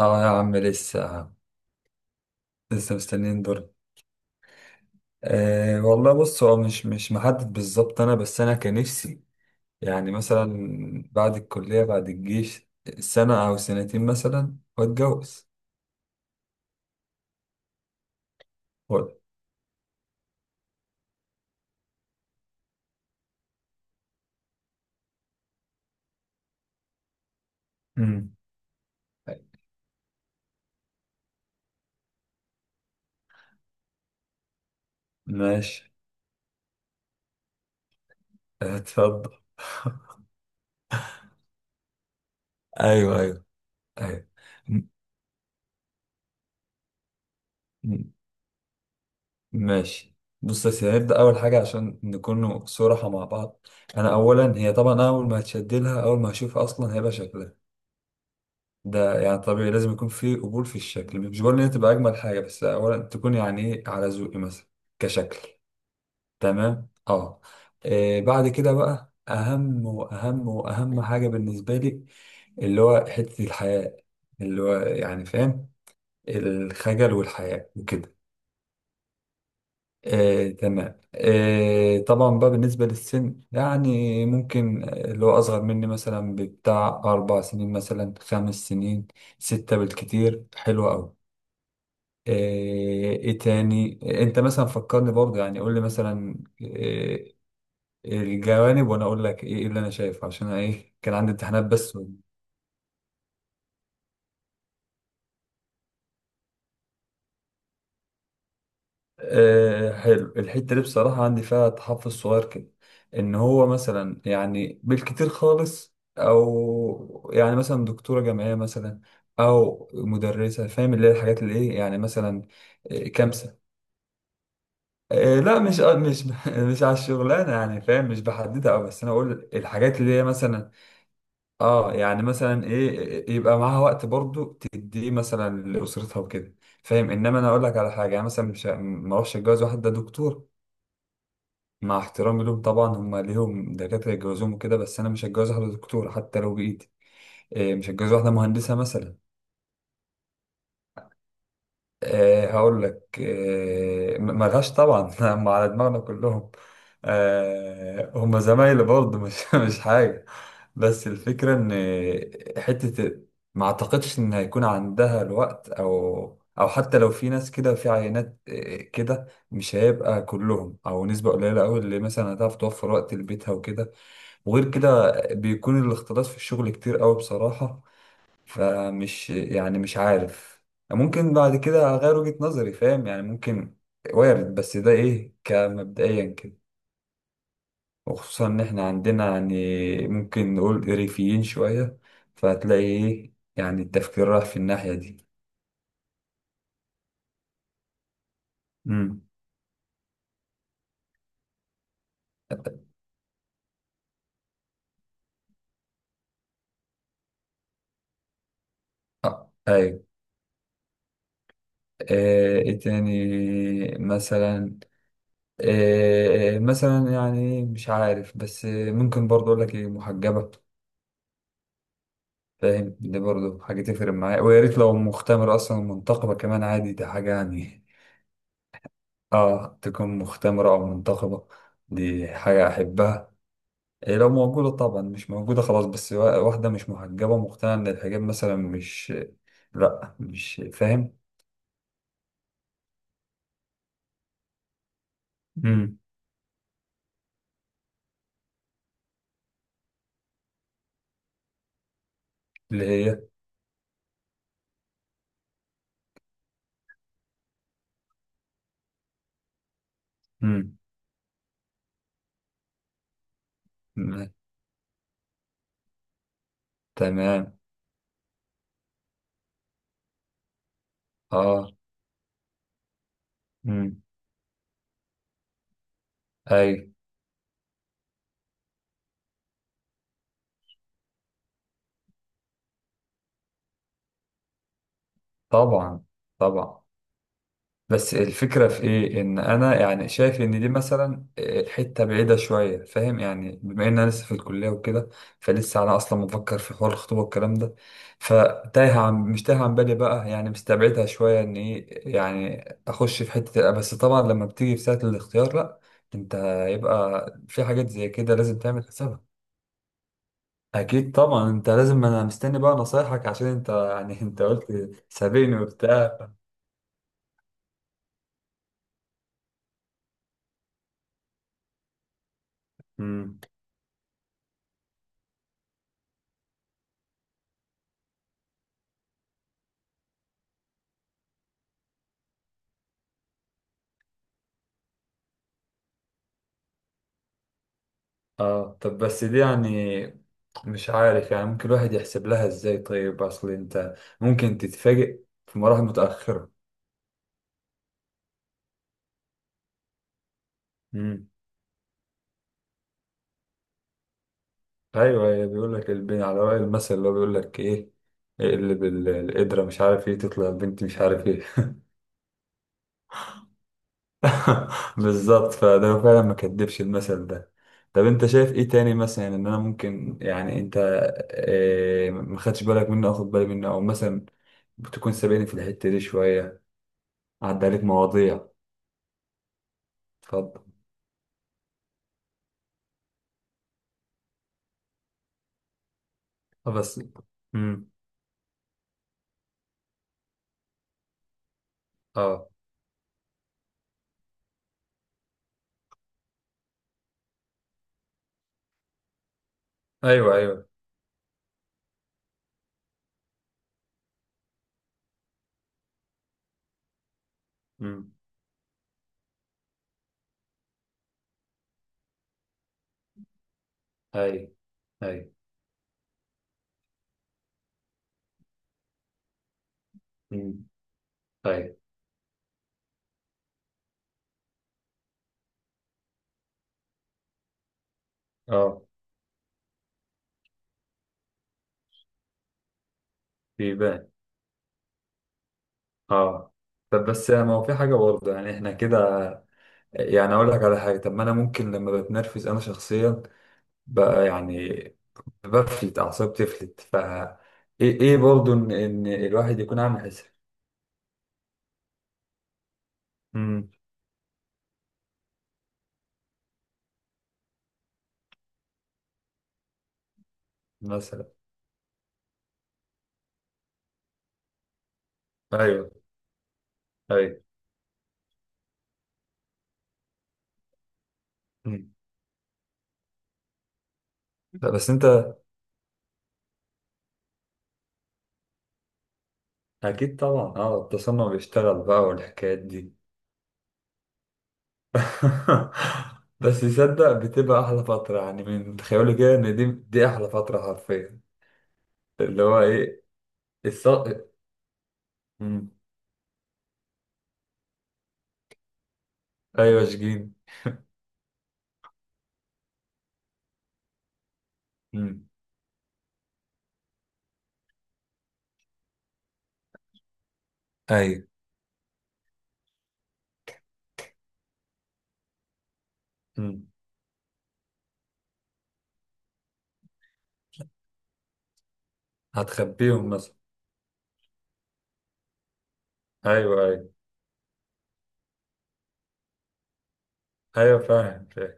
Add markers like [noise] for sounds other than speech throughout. اه يا عم لسه. لسه مستنيين دول. أه والله، بص هو مش محدد بالظبط. انا بس انا كان نفسي يعني مثلا بعد الكلية، بعد الجيش، سنة او سنتين مثلا، واتجوز. قول. امم. ماشي. آه، اتفضل. [laughs] ايوه، ايوه، ايوه. م- م- ماشي. بص يا سيدي، هنبدأ أول حاجة عشان نكون صراحة مع بعض. أنا أولا هي طبعا أول ما هتشد لها، أول ما هشوفها، أصلا هيبقى شكلها. ده يعني طبيعي لازم يكون في قبول في الشكل، مش بقول ان هي تبقى اجمل حاجه، بس اولا تكون يعني ايه على ذوقي مثلا كشكل. تمام اه. إيه بعد كده بقى اهم واهم واهم حاجه بالنسبه لي، اللي هو حته الحياء، اللي هو يعني فاهم، الخجل والحياء وكده. إيه تمام، إيه طبعا بقى بالنسبه للسن يعني ممكن اللي هو اصغر مني مثلا بتاع اربع سنين مثلا، خمس سنين، ستة بالكتير حلوة أوي. ايه إيه تاني؟ انت مثلا فكرني برضه يعني، قول لي مثلا إيه الجوانب وانا اقول لك ايه اللي انا شايفه، عشان أنا ايه كان عندي امتحانات بس و... إيه حلو. الحتة دي بصراحة عندي فيها تحفظ صغير كده، ان هو مثلا يعني بالكتير خالص او يعني مثلا دكتورة جامعية مثلا او مدرسة، فاهم؟ اللي هي الحاجات اللي ايه يعني مثلا. إيه كامسة. إيه لا مش [laughs] مش على الشغلانه يعني فاهم، مش بحددها قوي، بس انا اقول الحاجات اللي هي مثلا اه، يعني مثلا ايه، يبقى معاها وقت برضو تديه مثلا لاسرتها وكده، فاهم؟ انما انا اقول لك على حاجه يعني مثلا مش ه- ما اروحش اتجوز واحد ده دكتور. مع احترامي لهم طبعا، هم ليهم دكاتره يتجوزوهم وكده، بس انا مش هتجوز واحده دكتوره حتى لو بايدي. إيه مش هتجوز واحده مهندسه مثلا. هقول لك، ملهاش طبعا، [laughs] هم على دماغنا كلهم. هم زمايلي برضه، مش [laughs] مش حاجة. بس الفكرة إن حتة، ما أعتقدش إن هيكون عندها الوقت أو أو حتى لو في ناس كده في عينات كده، مش هيبقى كلهم، أو نسبة قليلة أوي اللي مثلا هتعرف توفر وقت لبيتها وكده. وغير كده بيكون الاختلاط في الشغل كتير أوي بصراحة. فمش يعني مش عارف، ممكن بعد كده اغير وجهة نظري، فاهم يعني؟ ممكن، وارد، بس ده ايه كمبدئيا كده. وخصوصا ان احنا عندنا يعني ممكن نقول ريفيين شوية، فهتلاقي ايه يعني التفكير راح في الناحية دي. امم. آه، ايوه. ايه تاني مثلا؟ مثلا يعني مش عارف، بس ممكن برضه اقول لك ايه، محجبة، فاهم؟ دي برضه حاجة تفرق معايا، ويا ريت لو مختمرة أصلا ومنتقبة كمان، عادي، دي حاجة يعني آه، تكون مختمرة أو منتقبة، دي حاجة أحبها. إيه لو موجودة طبعا، مش موجودة خلاص، بس واحدة مش محجبة مقتنعة إن الحجاب مثلا مش، لأ مش فاهم. مم. اللي هي. مم. مم. تمام. آه. مم. أي. طبعا، طبعا، بس الفكرة في إيه؟ إن أنا يعني شايف إن دي مثلا حتة بعيدة شوية، فاهم يعني، بما إن أنا لسه في الكلية وكده، فلسه أنا أصلا مفكر في حوار الخطوبة والكلام ده، فتايه عن مش تايه عن بالي بقى، يعني مستبعدها شوية إن إيه، يعني أخش في حتة، بس طبعا لما بتيجي في ساعة الاختيار لأ، أنت يبقى في حاجات زي كده لازم تعمل حسابها. أكيد طبعا، أنت لازم، أنا مستني بقى نصايحك عشان أنت يعني [laughs] أنت قلت سابقني وبتاع. مم. اه طب بس دي يعني مش عارف يعني ممكن الواحد يحسب لها ازاي؟ طيب اصل انت، ممكن تتفاجئ في مراحل متأخرة. امم. ايوه، بيقول لك البين، على رأي المثل اللي هو بيقول لك ايه، اقلب القدرة مش عارف ايه، تطلع البنت مش عارف ايه. [laughs] بالظبط، فده هو فعلا ما كدبش المثل ده. طب انت شايف ايه تاني مثلا ان انا ممكن يعني، انت إيه ما خدتش بالك منه، أو اخد بالي منه، او مثلا بتكون سابقني في الحتة دي شوية، عدى عليك مواضيع؟ اتفضل. بس. امم. اه. ايوه، ايوه. امم. اي، اي. امم. اي. اه. بيبان. اه طب بس يعني ما هو في حاجه برضه يعني احنا كده، يعني اقول لك على حاجه، طب ما انا ممكن لما بتنرفز انا شخصيا بقى يعني بفلت اعصابي بتفلت، ف ايه برضه ان ان الواحد يكون عامل حساب. امم. مثلا. ايوه. ايوه. امم. لا بس انت، اكيد طبعا اه، التصنع بيشتغل بقى والحكايات دي. [laughs] بس يصدق، بتبقى احلى فتره يعني، من تخيلي كده، ان دي احلى فتره حرفيا. اللي هو ايه. الص... مم. ايوه شجين. مم. ايوه. مم. هتخبيهم مثلا. ايوه، ايوه، ايوه، فاهم، فاهم.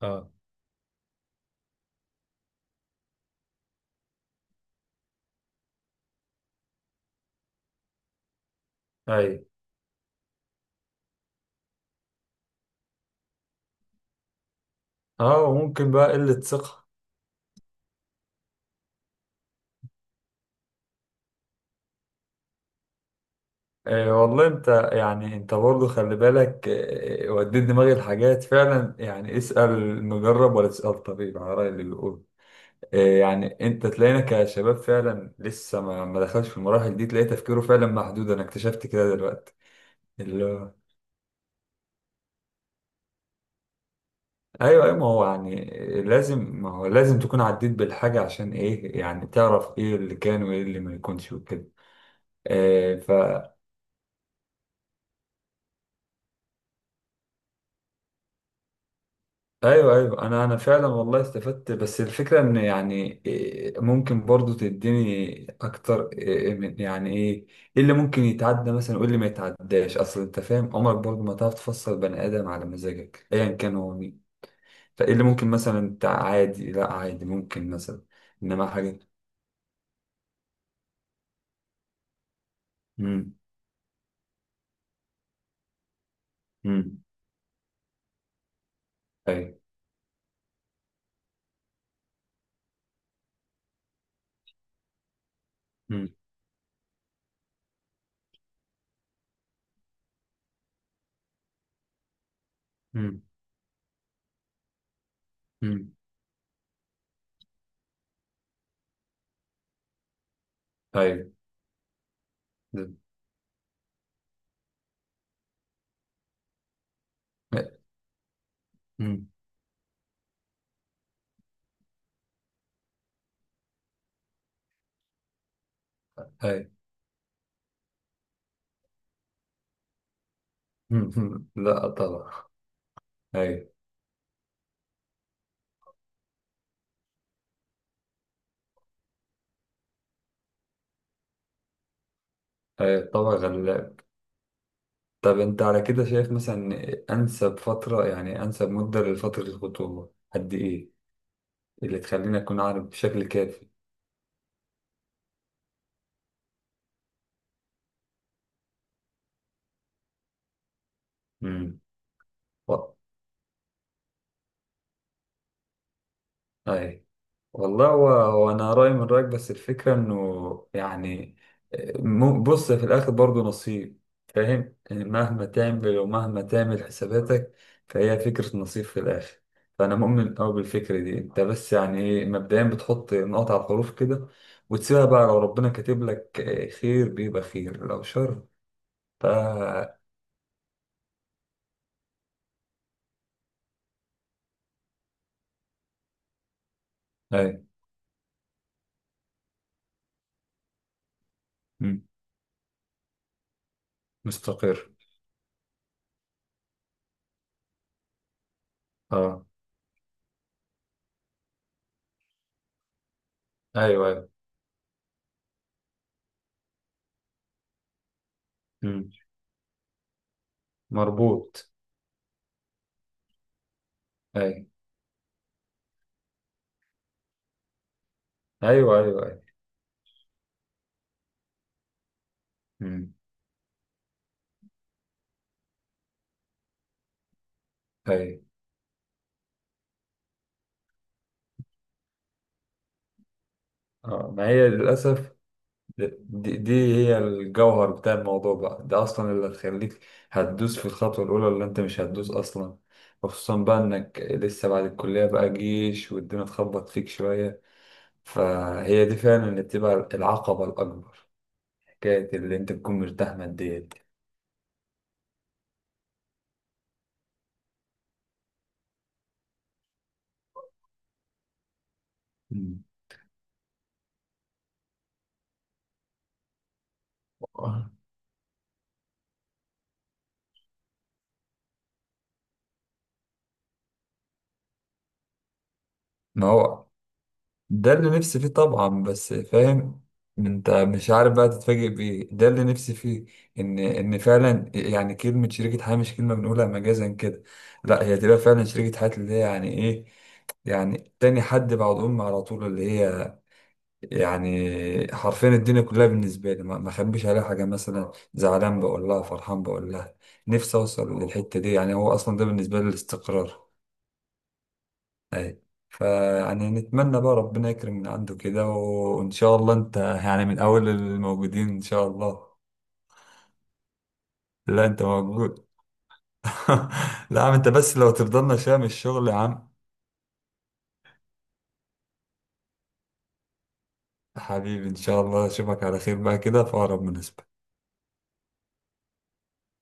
اه. ايوه. اه، وممكن بقى قله ثقه. آه والله انت يعني انت برضه خلي بالك آه، وديت دماغي الحاجات فعلا يعني، اسال مجرب ولا تسال طبيب، على راي اللي بيقول. إيه يعني انت تلاقينا كشباب فعلا لسه ما دخلش في المراحل دي، تلاقي تفكيره فعلا محدود. انا اكتشفت كده دلوقتي اللي هو. ايوه، ايوه، ما هو يعني لازم، ما هو لازم تكون عديت بالحاجه عشان ايه يعني، تعرف ايه اللي كان وايه اللي ما يكونش وكده. إيه ف، ايوه، ايوه، انا فعلا والله استفدت، بس الفكره ان يعني ممكن برضو تديني اكتر من يعني ايه، ايه اللي ممكن يتعدى مثلا وايه اللي ما يتعداش، اصل انت فاهم عمرك برضو ما تعرف تفصل بني ادم على مزاجك ايا كان هو مين. فايه اللي ممكن مثلا انت عادي، لا عادي ممكن مثلا انما حاجه. امم. امم. ايوه. امم. امم. امم. ايوه. امم. ايوه. مم. [laughs] لا طبعا. ايوه. ايوه، طبعا غلبان. طب انت على كده شايف مثلا انسب فترة يعني انسب مدة لفترة الخطوبة قد ايه، اللي تخلينا نكون عارف بشكل كافي؟ امم. اي. والله هو هو انا رايي من رايك، بس الفكره انه يعني بص، في الاخر برضه نصيب، فاهم يعني مهما تعمل، ومهما تعمل حساباتك، فهي فكره نصيب في الاخر. فانا مؤمن قوي بالفكره دي. انت بس يعني ايه، مبدئيا بتحط نقط على الحروف كده، وتسيبها بقى، لو ربنا كاتب لك خير بيبقى خير، لو شر، ف. اي. مم. مستقر. اه. ايوه، ايوه. مم. مربوط. اي. ايوه، ايوه، ايوه. مم. اي. اه ما هي للأسف دي هي الجوهر بتاع الموضوع بقى، ده أصلا اللي هتخليك هتدوس في الخطوة الأولى اللي أنت مش هتدوس أصلا، وخصوصا بقى إنك لسه بعد الكلية بقى جيش والدنيا تخبط فيك شوية، فهي دي فعلا اللي بتبقى العقبة الأكبر، حكاية اللي أنت تكون مرتاح ماديا. مم. ما هو ده اللي نفسي فيه طبعا، بس فاهم انت، مش عارف بقى تتفاجئ بايه. ده اللي نفسي فيه، ان ان فعلا يعني كلمه شريكه حياه مش كلمه بنقولها مجازا كده، لا هي تبقى فعلا شريكه حياه، اللي هي يعني ايه، يعني تاني حد بعد امي على طول، اللي هي يعني حرفيا الدنيا كلها بالنسبه لي، ما اخبيش عليها حاجه، مثلا زعلان بقول لها، فرحان بقول لها. نفسي اوصل للحته دي، يعني هو اصلا ده بالنسبه لي الاستقرار. فيعني نتمنى بقى ربنا يكرم من عنده كده، وإن شاء الله أنت يعني من أول الموجودين إن شاء الله. لا أنت موجود. [laughs] لا يا عم أنت، بس لو تفضلنا شام الشغل يا عم. حبيبي، إن شاء الله أشوفك على خير بقى كده في أقرب مناسبة.